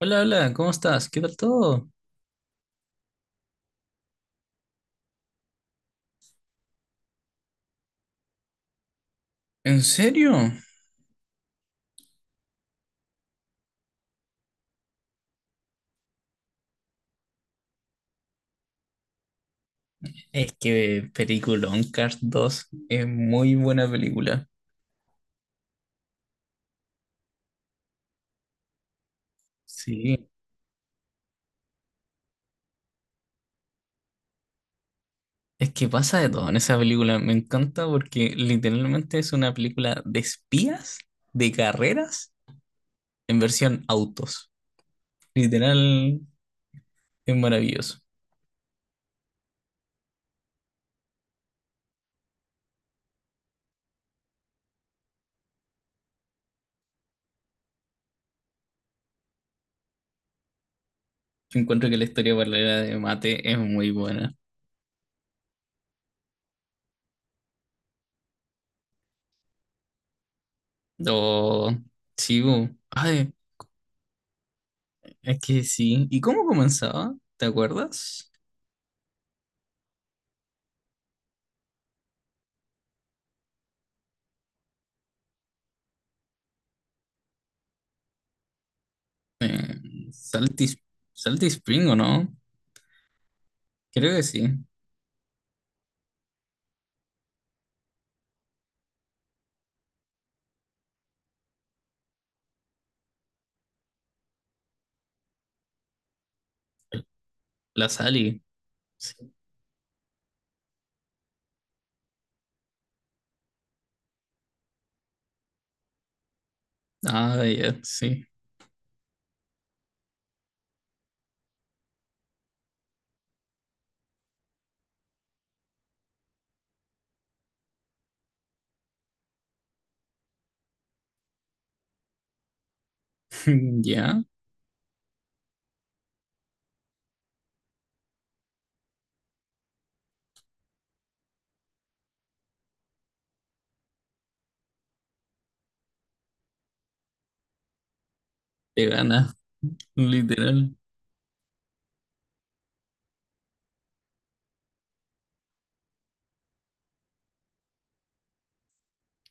Hola, hola, ¿cómo estás? ¿Qué tal todo? ¿En serio? Es que peliculón Cars dos es muy buena película. Sí. Es que pasa de todo en esa película. Me encanta porque literalmente es una película de espías, de carreras, en versión autos. Literal, es maravilloso. Yo encuentro que la historia paralela de Mate es muy buena. Oh, sí, bu. Ay, es que sí. ¿Y cómo comenzaba? ¿Te acuerdas? Salty, Salty Spring, ¿o no? Creo que sí. La Sally. Sí. Ah, ya, sí. Ya, te gana, literal.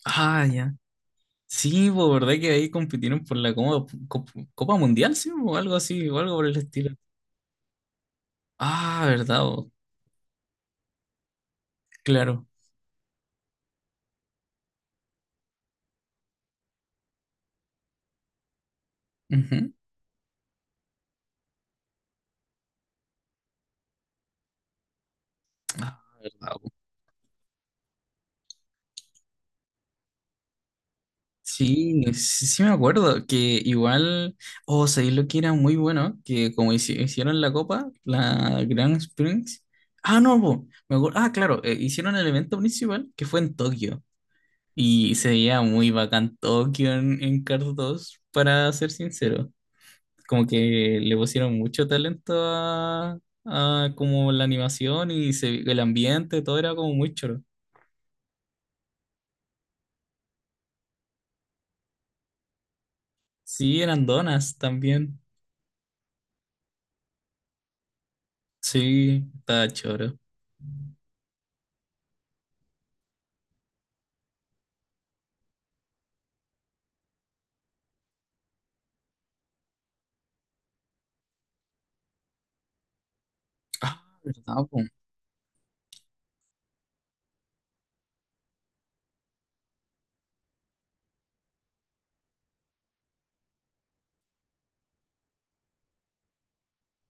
Ah, ya. Sí, pues, ¿verdad que ahí compitieron por la Copa, Copa Mundial, sí? O algo así, o algo por el estilo. Ah, ¿verdad? Po? Claro. Ujú. Ah, ¿verdad? Sí, no, sí, sí me acuerdo que igual, oh, sabéis lo que era muy bueno, que como hicieron la copa, la Grand Springs. Ah, no, po, me acuerdo, ah, claro, hicieron el evento principal que fue en Tokio y se veía muy bacán Tokio en Cars 2, para ser sincero. Como que le pusieron mucho talento a como la animación y el ambiente, todo era como muy choro. Sí, eran donas también. Sí, estaba choro. Ah, ¿verdad, po?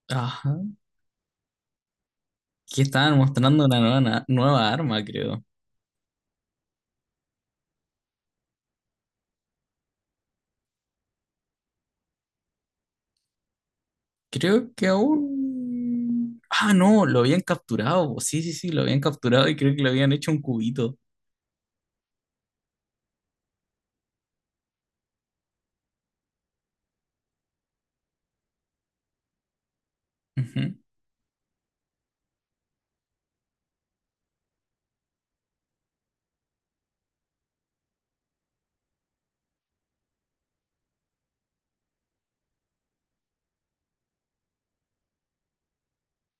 Ajá. Que estaban mostrando una nueva, nueva arma, creo. Creo que aún. Ah, no, lo habían capturado, po. Sí, sí, sí, lo habían capturado y creo que le habían hecho un cubito. Ujú.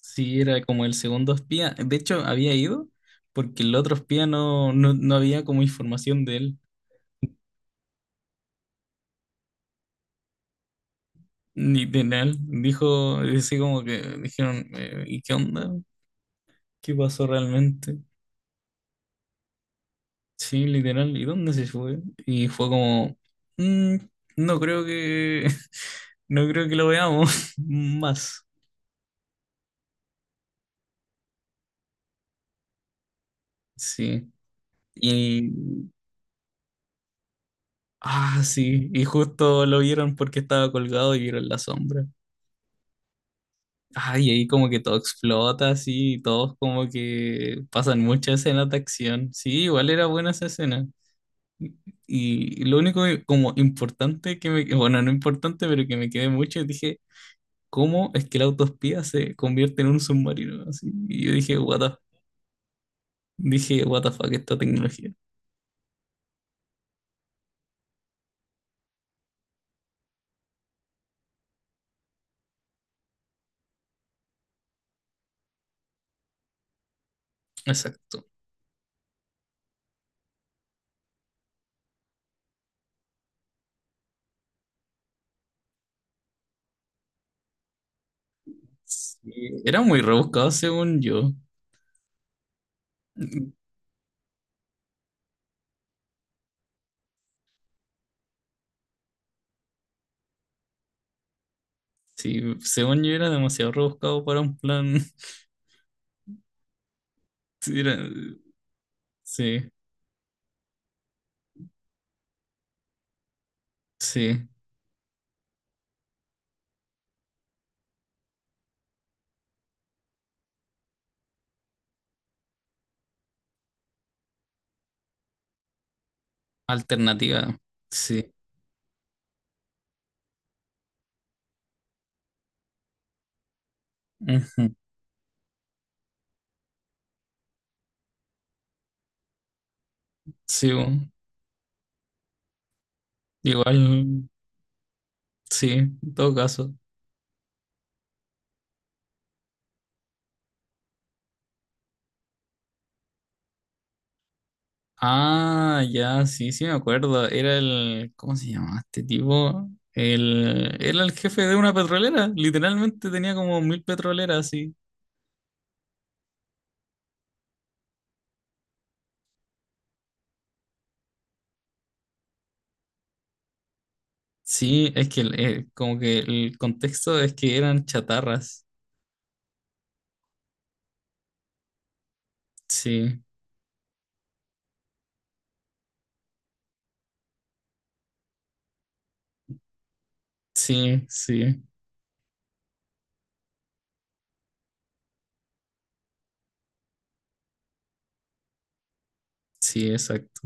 Sí, era como el segundo espía. De hecho, había ido porque el otro espía no había como información de él, ni de él. Dijo, así como que dijeron, ¿y qué onda? ¿Qué pasó realmente? Sí, literal, ¿y dónde se fue? Y fue como, "Mm, no creo que, no creo que lo veamos más. Sí. Y, ah, sí, y justo lo vieron porque estaba colgado y vieron la sombra. Ah, y ahí como que todo explota, así y todos como que pasan muchas escenas de acción. Sí, igual era buena esa escena. Y lo único como importante bueno, no importante, pero que me quedé mucho, dije, ¿cómo es que el autoespía se convierte en un submarino? Así, y yo dije, what the fuck, esta tecnología. Exacto. Sí, era muy rebuscado según yo. Sí, según yo era demasiado rebuscado para un plan. Sí, sí, sí. Alternativa. Sí. Ujú. Sí, bueno, igual, sí, en todo caso. Ah, ya, sí, sí me acuerdo. Era el, ¿cómo se llamaba este tipo? El, era el jefe de una petrolera. Literalmente tenía como mil petroleras, sí. Sí, es que como que el contexto es que eran chatarras. Sí, sí, sí, sí, exacto.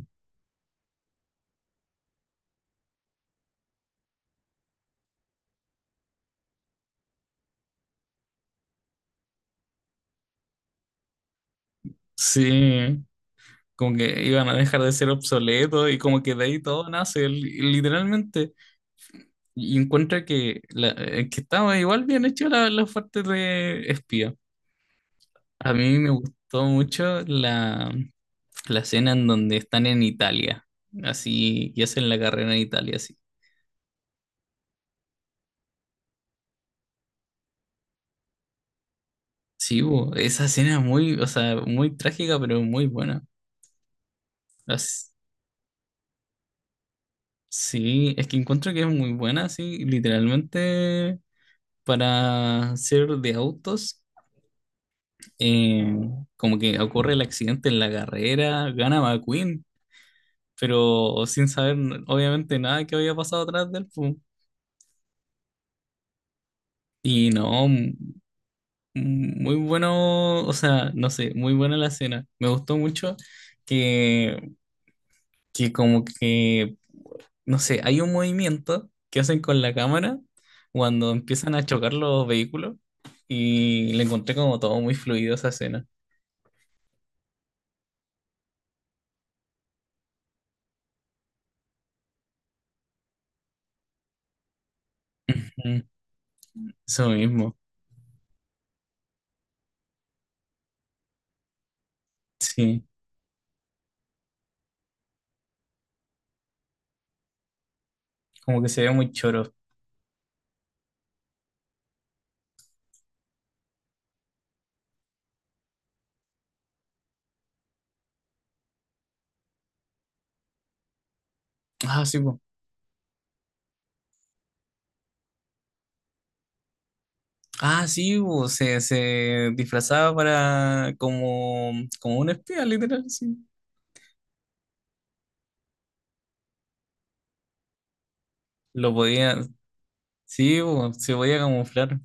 Sí, como que iban a dejar de ser obsoletos y como que de ahí todo nace, literalmente. Y encuentra que, que estaba igual bien hecho la parte de espía. A mí me gustó mucho la escena en donde están en Italia, así, y hacen la carrera en Italia, así. Sí, bo, esa escena es muy, o sea, muy trágica, pero muy buena. As- sí, es que encuentro que es muy buena, sí, literalmente para ser de autos, eh, como que ocurre el accidente en la carrera, gana McQueen, pero sin saber obviamente nada que había pasado atrás del él, po. Y no, muy bueno, o sea, no sé, muy buena la escena. Me gustó mucho que, que como que, no sé, hay un movimiento que hacen con la cámara cuando empiezan a chocar los vehículos y le encontré como todo muy fluido esa escena. Ujú, eso mismo, sí, como que se ve muy choro. Ah, sí, po. Ah, sí, po, Se disfrazaba para como, como un espía, literal, sí. Lo podía, sí, po, se podía camuflar.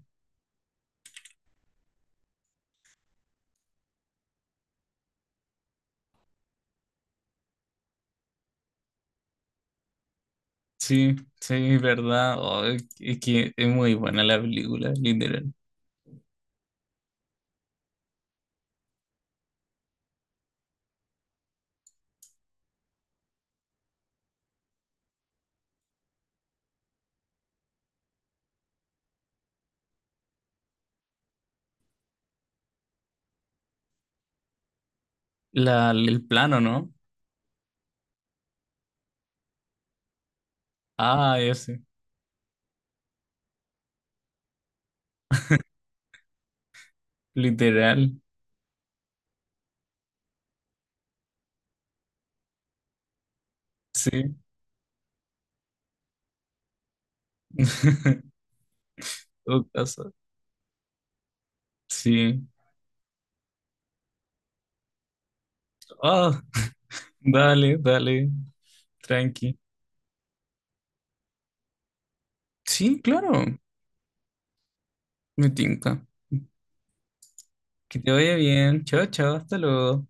Sí, sí, es verdad. Oh, es que es muy buena la película, literal. La, el plano, ¿no? Ah, ese. Literal. Sí. Tu casa. Sí. Ah, dale, dale. Tranqui. Sí, claro. Me tinca. Que te vaya bien. Chao, chao. Hasta luego.